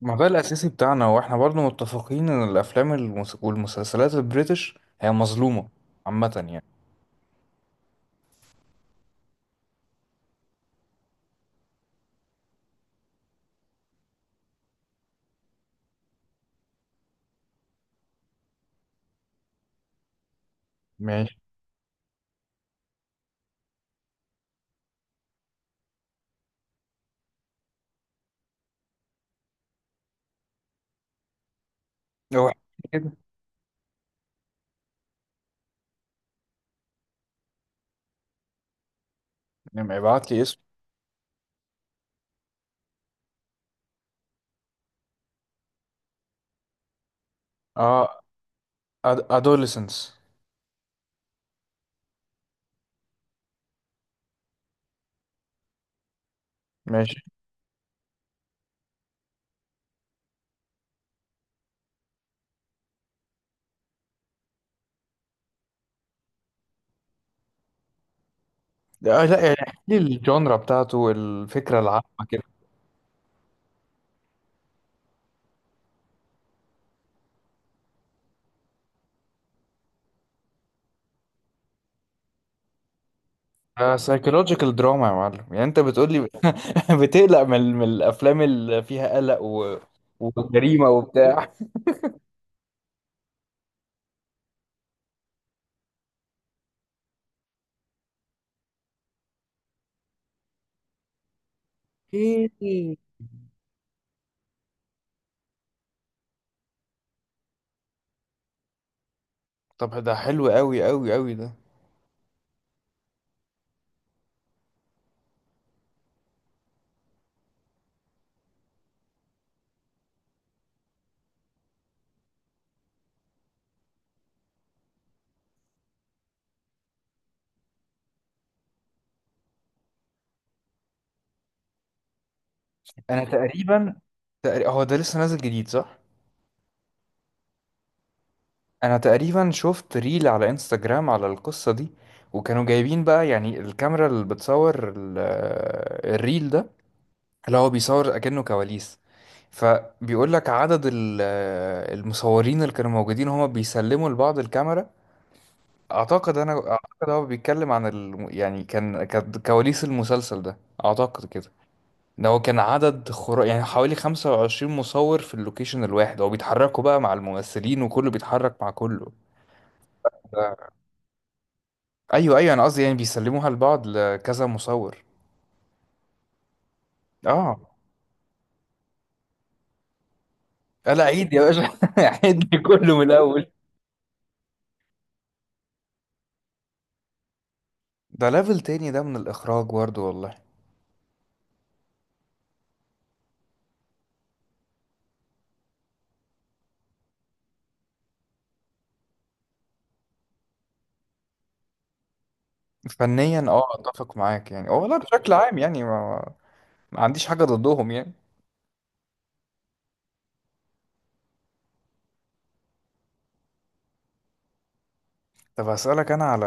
ما ده الأساسي بتاعنا وإحنا برضه متفقين إن الأفلام والمسلسلات البريتش هي مظلومة عامة يعني. ماشي. هو كده لما يبعت لي اسم. اه، أدوليسنس. ماشي. لا يعني احكي لي الجانرا بتاعته، الفكرة العامة كده. آه، سايكولوجيكال دراما يا معلم، يعني أنت بتقول لي بتقلق من، من الأفلام اللي فيها قلق و... وجريمة وبتاع. إيه. طب ده حلو أوي أوي أوي ده. أنا تقريبا، تقريبا هو ده لسه نازل جديد صح؟ انا تقريبا شفت ريل على انستجرام على القصة دي، وكانوا جايبين بقى يعني الكاميرا اللي بتصور الريل ده، اللي هو بيصور اكنه كواليس، فبيقول لك عدد المصورين اللي كانوا موجودين هما بيسلموا لبعض الكاميرا. اعتقد، انا اعتقد هو بيتكلم عن يعني كانت كواليس المسلسل ده. اعتقد كده. ده هو كان عدد خرا، يعني حوالي 25 مصور في اللوكيشن الواحد، هو بيتحركوا بقى مع الممثلين وكله بيتحرك مع كله. ايوه ايوه، انا قصدي يعني بيسلموها لبعض لكذا مصور. اه. لا عيد يا باشا. عيد كله من الاول. ده ليفل تاني ده، من الاخراج برضه والله. فنيا اه، اتفق معاك. يعني هو لا بشكل عام يعني ما عنديش حاجه ضدهم يعني. طب هسألك انا على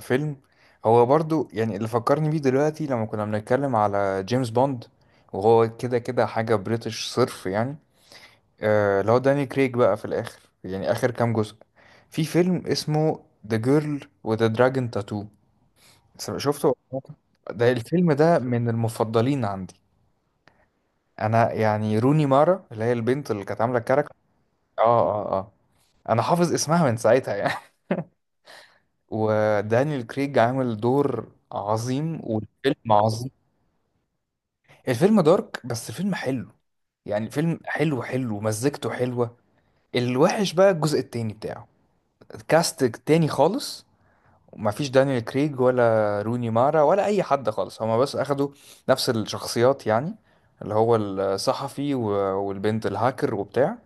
فيلم، هو برضه يعني اللي فكرني بيه دلوقتي لما كنا بنتكلم على جيمس بوند، وهو كده كده حاجه بريتش صرف يعني. آه لو داني كريج بقى في الآخر، يعني آخر كام جزء، في فيلم اسمه The Girl with the Dragon Tattoo. شفته. ده الفيلم ده من المفضلين عندي. أنا يعني روني مارا اللي هي البنت اللي كانت عاملة الكاركتر، آه آه آه، أنا حافظ اسمها من ساعتها يعني. ودانيال كريج عامل دور عظيم، والفيلم عظيم. الفيلم دارك، بس فيلم حلو. يعني فيلم حلو حلو، مزجته حلوة. الوحش بقى الجزء التاني بتاعه، كاست تاني خالص، ما فيش دانيال كريج ولا روني مارا ولا اي حد خالص، هما بس اخدوا نفس الشخصيات يعني، اللي هو الصحفي والبنت الهاكر وبتاع.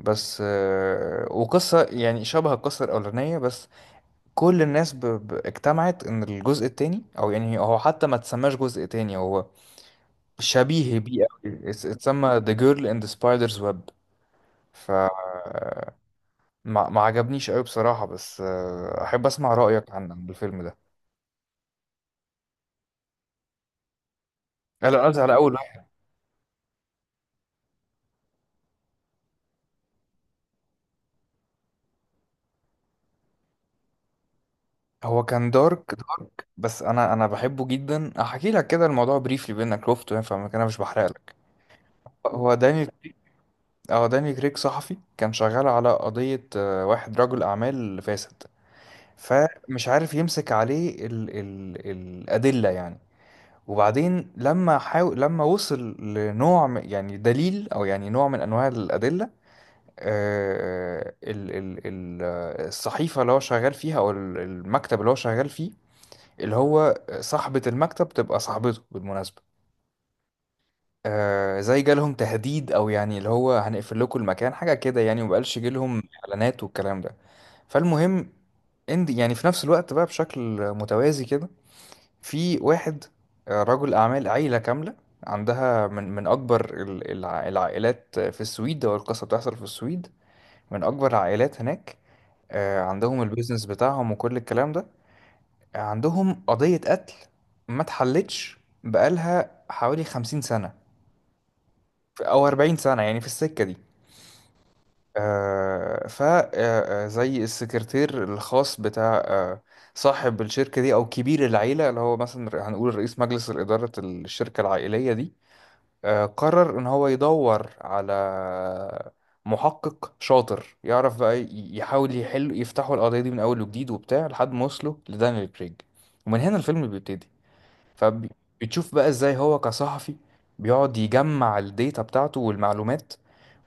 بس وقصة يعني شبه القصة الأولانية، بس كل الناس اجتمعت إن الجزء التاني، أو يعني هو حتى ما تسماش جزء تاني، هو شبيه بيه أوي، اتسمى The Girl in the Spider's Web. فما ما عجبنيش أوي بصراحة، بس أحب أسمع رأيك عن الفيلم ده. لا لا، قصدي على أول. هو كان دارك دارك، بس انا بحبه جدا. هحكي لك كده الموضوع بريفلي، بينك شفته يعني، فما كان انا مش بحرق لك. هو داني، اه داني كريك صحفي كان شغال على قضية واحد رجل اعمال فاسد، فمش عارف يمسك عليه ال ال الأدلة يعني. وبعدين لما حاول، لما وصل لنوع يعني دليل او يعني نوع من انواع الأدلة، الصحيفة اللي هو شغال فيها او المكتب اللي هو شغال فيه، اللي هو صاحبة المكتب تبقى صاحبته بالمناسبة، آه زي جالهم تهديد، او يعني اللي هو هنقفل لكم المكان حاجة كده يعني، ومبقالش جالهم اعلانات والكلام ده. فالمهم، اند يعني في نفس الوقت بقى بشكل متوازي كده، في واحد رجل اعمال، عيلة كاملة عندها من اكبر العائلات في السويد، او القصة بتحصل في السويد، من اكبر العائلات هناك. عندهم البيزنس بتاعهم وكل الكلام ده. عندهم قضية قتل ما اتحلتش، بقالها حوالي 50 سنة أو 40 سنة يعني في السكة دي. آه ف آه، آه، زي السكرتير الخاص بتاع صاحب الشركة دي، أو كبير العيلة، اللي هو مثلا هنقول رئيس مجلس الإدارة الشركة العائلية دي، آه قرر إن هو يدور على محقق شاطر، يعرف بقى يحاول يحل، يفتحوا القضية دي من أول وجديد وبتاع، لحد ما وصلوا لدانيال كريج. ومن هنا الفيلم بيبتدي. فبتشوف بقى ازاي هو كصحفي بيقعد يجمع الداتا بتاعته والمعلومات،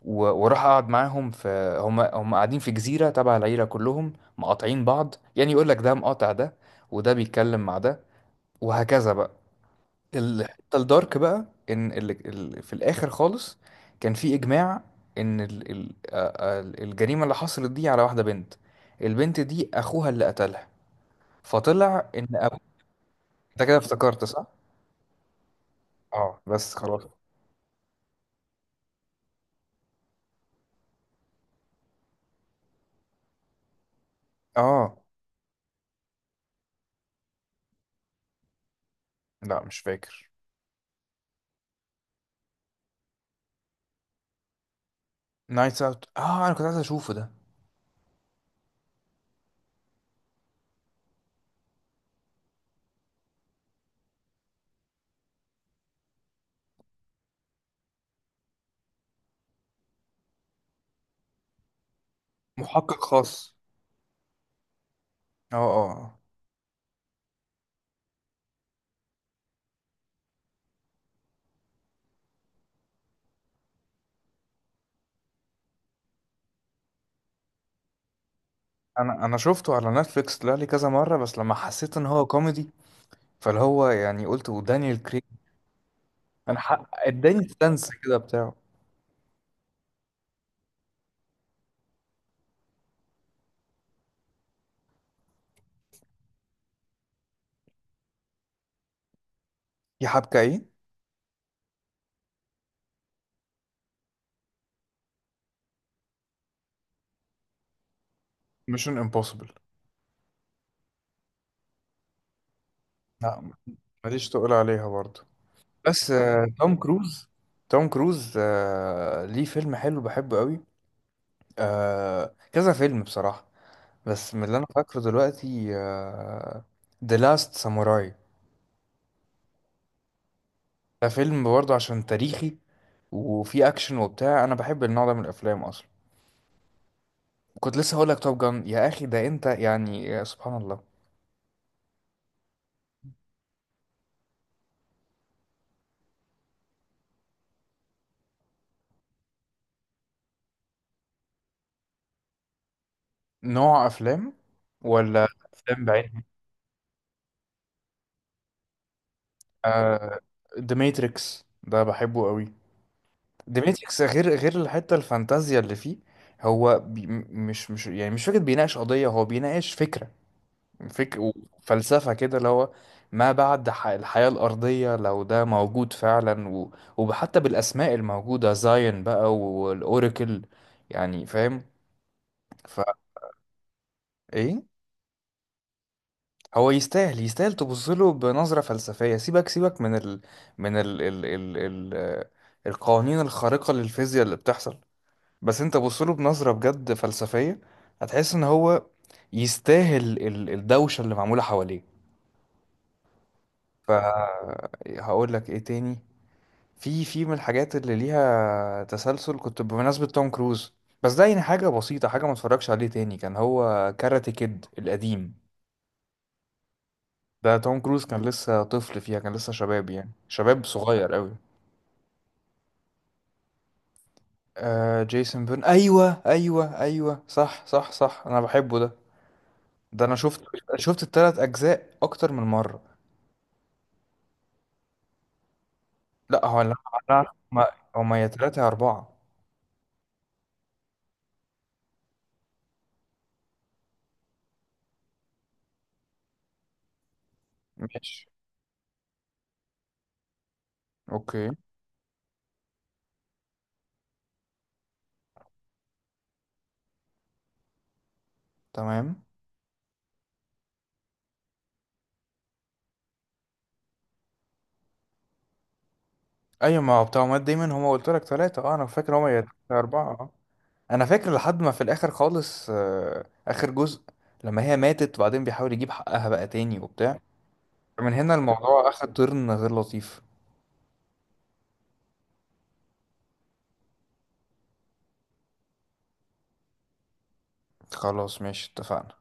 وراح قعد معاهم، في هم قاعدين في جزيرة تبع العيلة كلهم، مقاطعين بعض يعني، يقول لك ده مقاطع ده، وده بيتكلم مع ده، وهكذا بقى. الحتة الدارك بقى ان في الاخر خالص كان في اجماع ان ال... ال... آه، آه، الجريمة اللي حصلت دي على واحدة بنت، البنت دي اخوها اللي قتلها. فطلع ان أبو... انت كده افتكرت صح؟ اه بس خلاص. اه لا مش فاكر. نايتس اوت، اه انا كنت عايز اشوفه ده. محقق خاص، اه اه آه. انا، انا شفته على نتفليكس طلع لي كذا مره، بس لما حسيت ان هو كوميدي، فاللي هو يعني قلت ودانيال كريج انا حق اداني السنس كده بتاعه. يا حبكه ايه. ميشن امبوسيبل. لا، ماليش تقول عليها برضه، بس توم كروز، توم كروز ليه فيلم حلو بحبه قوي، كذا فيلم بصراحه، بس من اللي انا فاكره دلوقتي The Last Samurai. ده فيلم برضه عشان تاريخي، وفيه اكشن وبتاع، انا بحب النوع ده من الافلام اصلا. كنت لسه هقول لك توب جان يا اخي، ده انت يعني يا سبحان الله. نوع افلام ولا افلام بعينها. آه The Matrix ده بحبه قوي. The Matrix غير الحتة الفانتازيا اللي فيه، هو بي مش يعني مش فكرة بيناقش قضية، هو بيناقش فكرة فك وفلسفة كده، اللي هو ما بعد الحياة الأرضية لو ده موجود فعلا، و... وحتى بالأسماء الموجودة زاين بقى والأوراكل، يعني فاهم. فا إيه. هو يستاهل، يستاهل تبص له بنظرة فلسفية. سيبك، سيبك من ال... من ال... ال... ال... ال... آه، القوانين الخارقة للفيزياء اللي بتحصل، بس أنت بص له بنظرة بجد فلسفية، هتحس إن هو يستاهل الدوشة اللي معمولة حواليه. فهقول لك إيه تاني. في من الحاجات اللي ليها تسلسل، كنت بمناسبة توم كروز، بس ده يعني حاجة بسيطة، حاجة ما اتفرجش عليه تاني، كان هو كاراتي كيد القديم. ده توم كروز كان لسه طفل فيها، كان لسه شباب يعني شباب صغير قوي. آه جيسون بيرن، ايوه ايوه ايوه صح صح صح، انا بحبه ده، ده انا شفت، شفت التلات اجزاء اكتر من مرة. لا هو لا، لا، هما، هما يا تلاتة يا اربعة. ماشي. اوكي. تمام. ايوه، ما هو بتوع مات دايما، هما قلت لك ثلاثة اه، انا فاكر هما يا تلاتة يا اربعة اه. انا فاكر لحد ما في الاخر خالص، آه اخر جزء، لما هي ماتت وبعدين بيحاول يجيب حقها بقى تاني وبتاع، من هنا الموضوع اخد ترن غير لطيف. خلاص ماشي اتفقنا.